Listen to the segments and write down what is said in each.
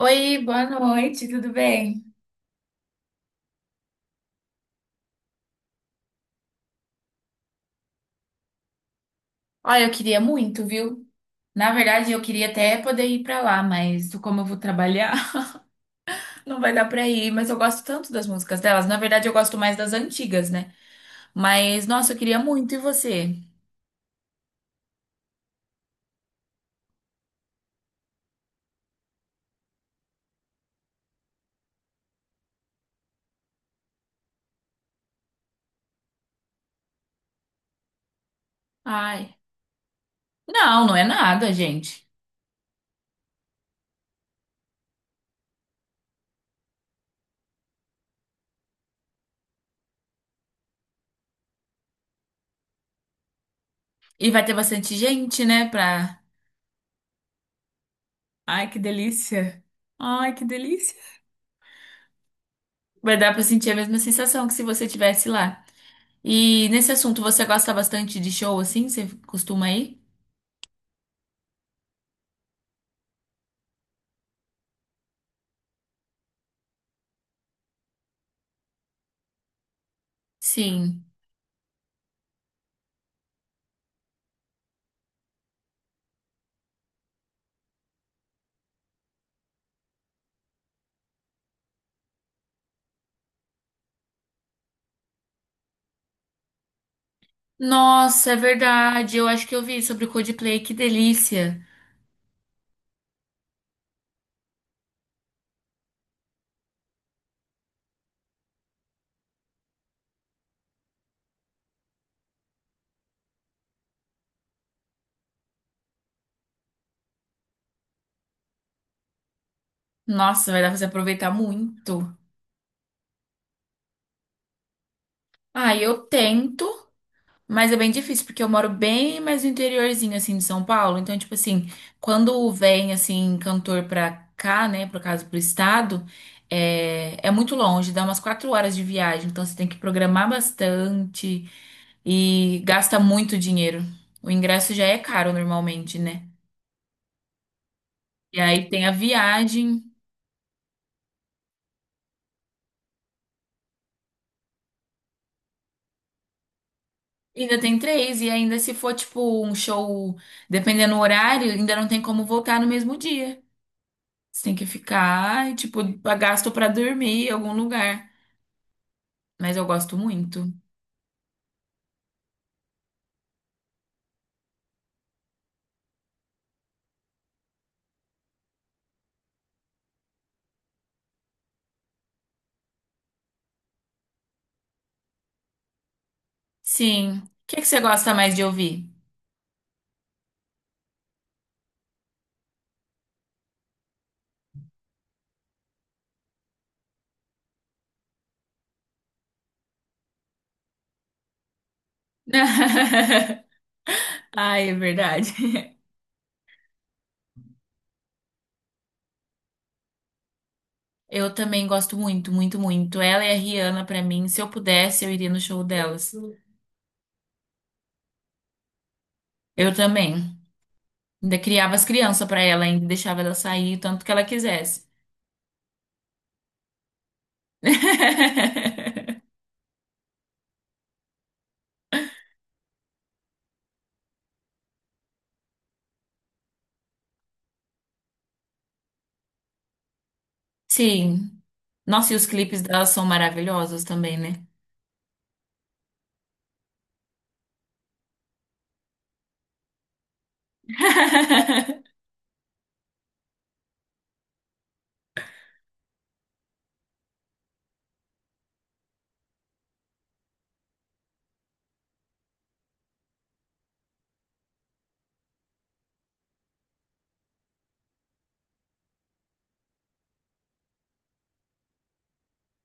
Oi, boa noite, tudo bem? Olha, eu queria muito, viu? Na verdade, eu queria até poder ir pra lá, mas como eu vou trabalhar, não vai dar pra ir. Mas eu gosto tanto das músicas delas. Na verdade, eu gosto mais das antigas, né? Mas, nossa, eu queria muito. E você? Ai, não, não é nada, gente. E vai ter bastante gente, né? Pra. Ai, que delícia! Ai, que delícia! Vai dar pra sentir a mesma sensação que se você tivesse lá. E nesse assunto, você gosta bastante de show assim? Você costuma ir? Sim. Nossa, é verdade. Eu acho que eu vi sobre o Coldplay, que delícia. Nossa, vai dar pra você aproveitar muito. Ah, eu tento, mas é bem difícil, porque eu moro bem mais no interiorzinho, assim, de São Paulo. Então, tipo assim, quando vem, assim, cantor pra cá, né, por caso, pro estado, é muito longe, dá umas quatro horas de viagem. Então, você tem que programar bastante e gasta muito dinheiro. O ingresso já é caro normalmente, né? E aí tem a viagem. Ainda tem três, e ainda se for, tipo, um show, dependendo do horário, ainda não tem como voltar no mesmo dia. Você tem que ficar, e, tipo, gasto pra dormir em algum lugar. Mas eu gosto muito. Sim. O que que você gosta mais de ouvir? Ai, é verdade. Eu também gosto muito, muito, muito. Ela e a Rihanna, pra mim, se eu pudesse, eu iria no show delas. Eu também. Ainda criava as crianças pra ela, ainda deixava ela sair o tanto que ela quisesse. Sim. Nossa, e os clipes dela são maravilhosos também, né?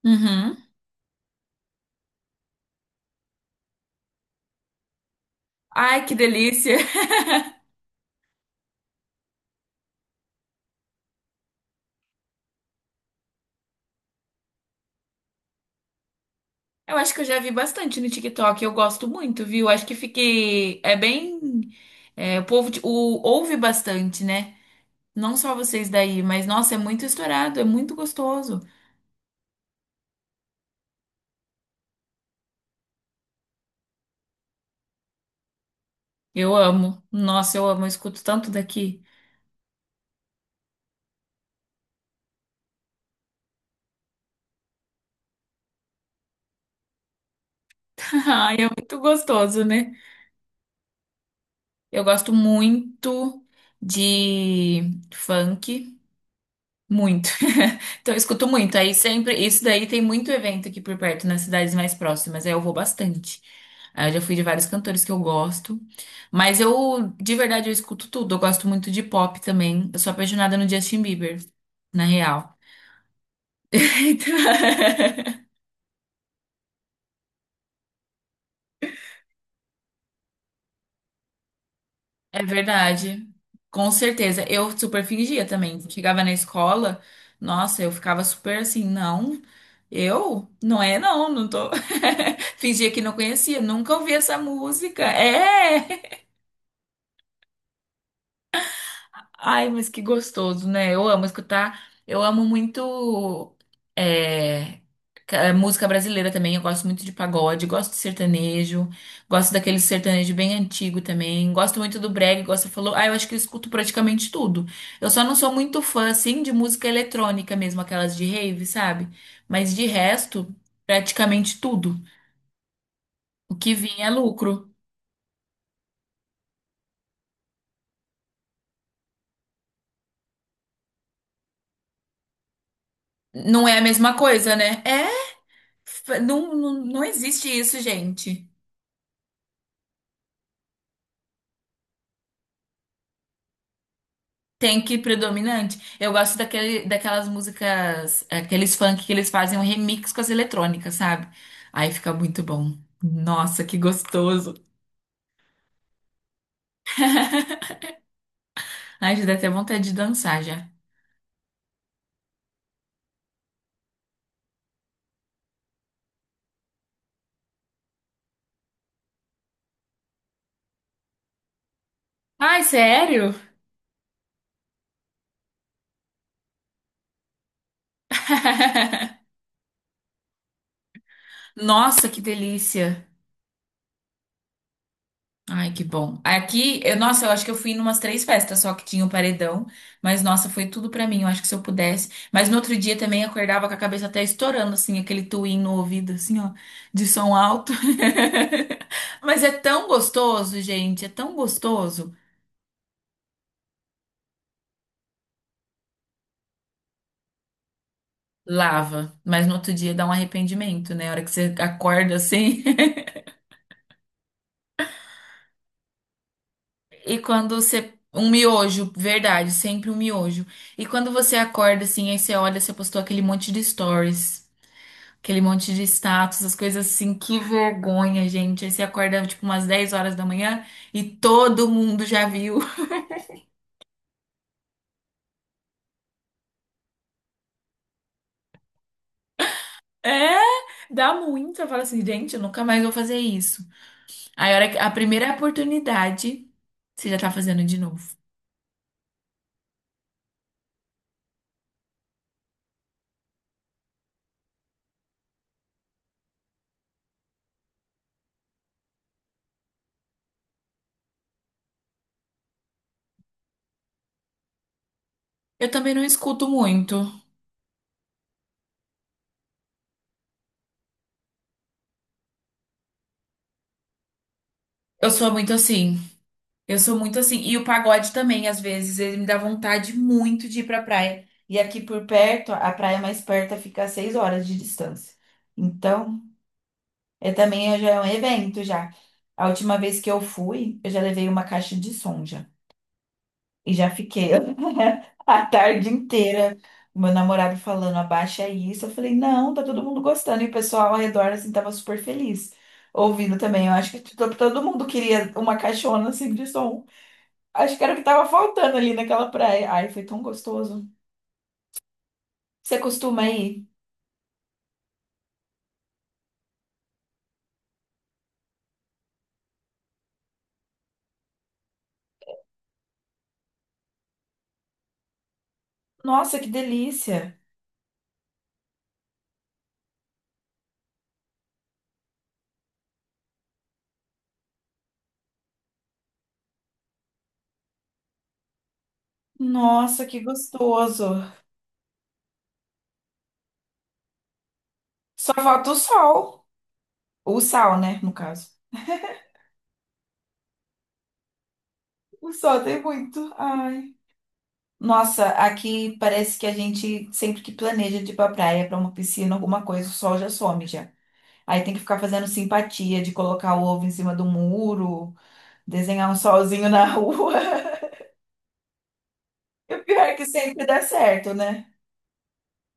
Uhum. Ai, que delícia! Eu acho que eu já vi bastante no TikTok, eu gosto muito, viu? Acho que fiquei. É bem. É, o povo de- o, Ouve bastante, né? Não só vocês daí, mas nossa, é muito estourado, é muito gostoso. Eu amo. Nossa, eu amo, eu escuto tanto daqui. Ai, é muito gostoso, né? Eu gosto muito de funk. Muito. Então, eu escuto muito. Aí sempre, isso daí tem muito evento aqui por perto, nas cidades mais próximas. Aí eu vou bastante. Aí eu já fui de vários cantores que eu gosto. Mas eu, de verdade, eu escuto tudo. Eu gosto muito de pop também. Eu sou apaixonada no Justin Bieber, na real. Então, é verdade, com certeza. Eu super fingia também. Chegava na escola, nossa, eu ficava super assim, não, eu? Não é, não, não tô. Fingia que não conhecia, nunca ouvi essa música. É! Ai, mas que gostoso, né? Eu amo escutar. Eu amo muito é, música brasileira também. Eu gosto muito de pagode, gosto de sertanejo, gosto daquele sertanejo bem antigo também. Gosto muito do brega, gosto, falou. Ah, eu acho que eu escuto praticamente tudo. Eu só não sou muito fã, assim, de música eletrônica mesmo, aquelas de rave, sabe? Mas de resto, praticamente tudo. O que vinha é lucro. Não é a mesma coisa, né? Não, não, não existe isso, gente. Tem que ir predominante. Eu gosto daquele, daquelas músicas, aqueles funk que eles fazem um remix com as eletrônicas, sabe? Aí fica muito bom. Nossa, que gostoso. Ai, já dá até vontade de dançar já. Ai, sério? Nossa, que delícia. Ai, que bom. Aqui, eu, nossa, eu acho que eu fui em umas três festas só que tinha o paredão, mas nossa, foi tudo pra mim. Eu acho que se eu pudesse. Mas no outro dia também acordava com a cabeça até estourando, assim, aquele tuim no ouvido, assim, ó, de som alto. Mas é tão gostoso, gente, é tão gostoso. Lava, mas no outro dia dá um arrependimento, né? A hora que você acorda assim. E quando você. Um miojo, verdade, sempre um miojo. E quando você acorda assim, aí você olha, você postou aquele monte de stories. Aquele monte de status, as coisas assim, que vergonha, gente. Aí você acorda tipo umas 10 horas da manhã e todo mundo já viu. É, dá muito. Eu falo assim, gente, eu nunca mais vou fazer isso. Aí a hora que- a primeira oportunidade, você já tá fazendo de novo. Eu também não escuto muito. Eu sou muito assim. Eu sou muito assim. E o pagode também, às vezes, ele me dá vontade muito de ir pra praia. E aqui por perto, a praia mais perto fica a 6 horas de distância. Então. É também é- já é um evento já. A última vez que eu fui, eu já levei uma caixa de som já. E já fiquei a tarde inteira. Meu namorado falando, abaixa isso. Eu falei, não, tá todo mundo gostando. E o pessoal ao redor, assim, tava super feliz. Ouvindo também. Eu acho que todo mundo queria uma caixona, assim, de som. Acho que era o que tava faltando ali naquela praia. Ai, foi tão gostoso. Você costuma ir? Nossa, que delícia. Nossa, que gostoso. Só falta o sol. O sal, né, no caso. O sol tem muito. Ai. Nossa, aqui parece que a gente, sempre que planeja de ir pra praia, pra uma piscina, alguma coisa, o sol já some já. Aí tem que ficar fazendo simpatia de colocar o ovo em cima do muro, desenhar um solzinho na rua. E o pior é que sempre dá certo, né?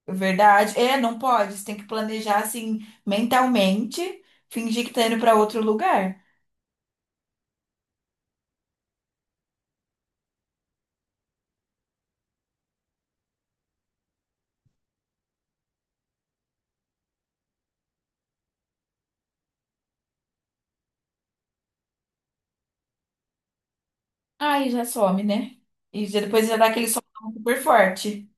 É verdade. É, não pode. Você tem que planejar assim, mentalmente, fingir que tá indo pra outro lugar. Aí já some, né? Depois já dá aquele sol super forte.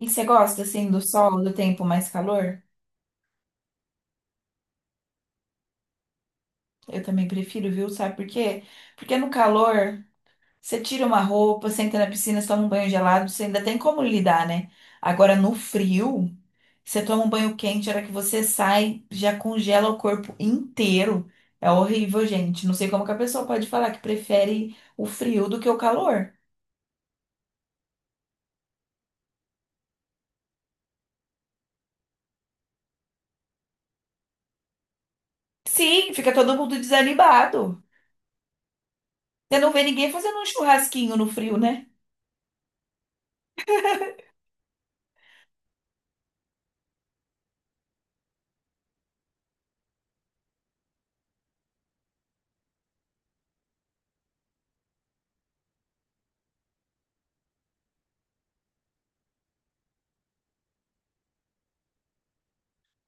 E você gosta, assim, do sol, do tempo mais calor? Eu também prefiro, viu? Sabe por quê? Porque no calor, você tira uma roupa, você entra na piscina, você toma um banho gelado, você ainda tem como lidar, né? Agora, no frio, você toma um banho quente, a hora que você sai, já congela o corpo inteiro. É horrível, gente. Não sei como que a pessoa pode falar que prefere o frio do que o calor. Sim, fica todo mundo desanimado. Você não vê ninguém fazendo um churrasquinho no frio, né?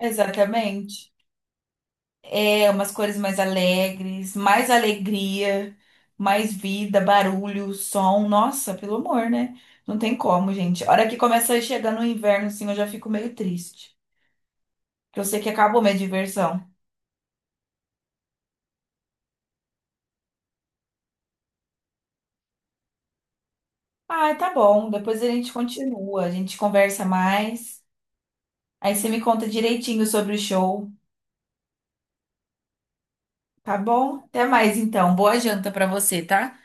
Exatamente. É, umas cores mais alegres, mais alegria, mais vida, barulho, som. Nossa, pelo amor, né? Não tem como, gente. A hora que começa a chegar no inverno, assim, eu já fico meio triste. Porque eu sei que acabou minha diversão. Ah, tá bom. Depois a gente continua, a gente conversa mais. Aí você me conta direitinho sobre o show, tá bom? Até mais, então. Boa janta pra você, tá?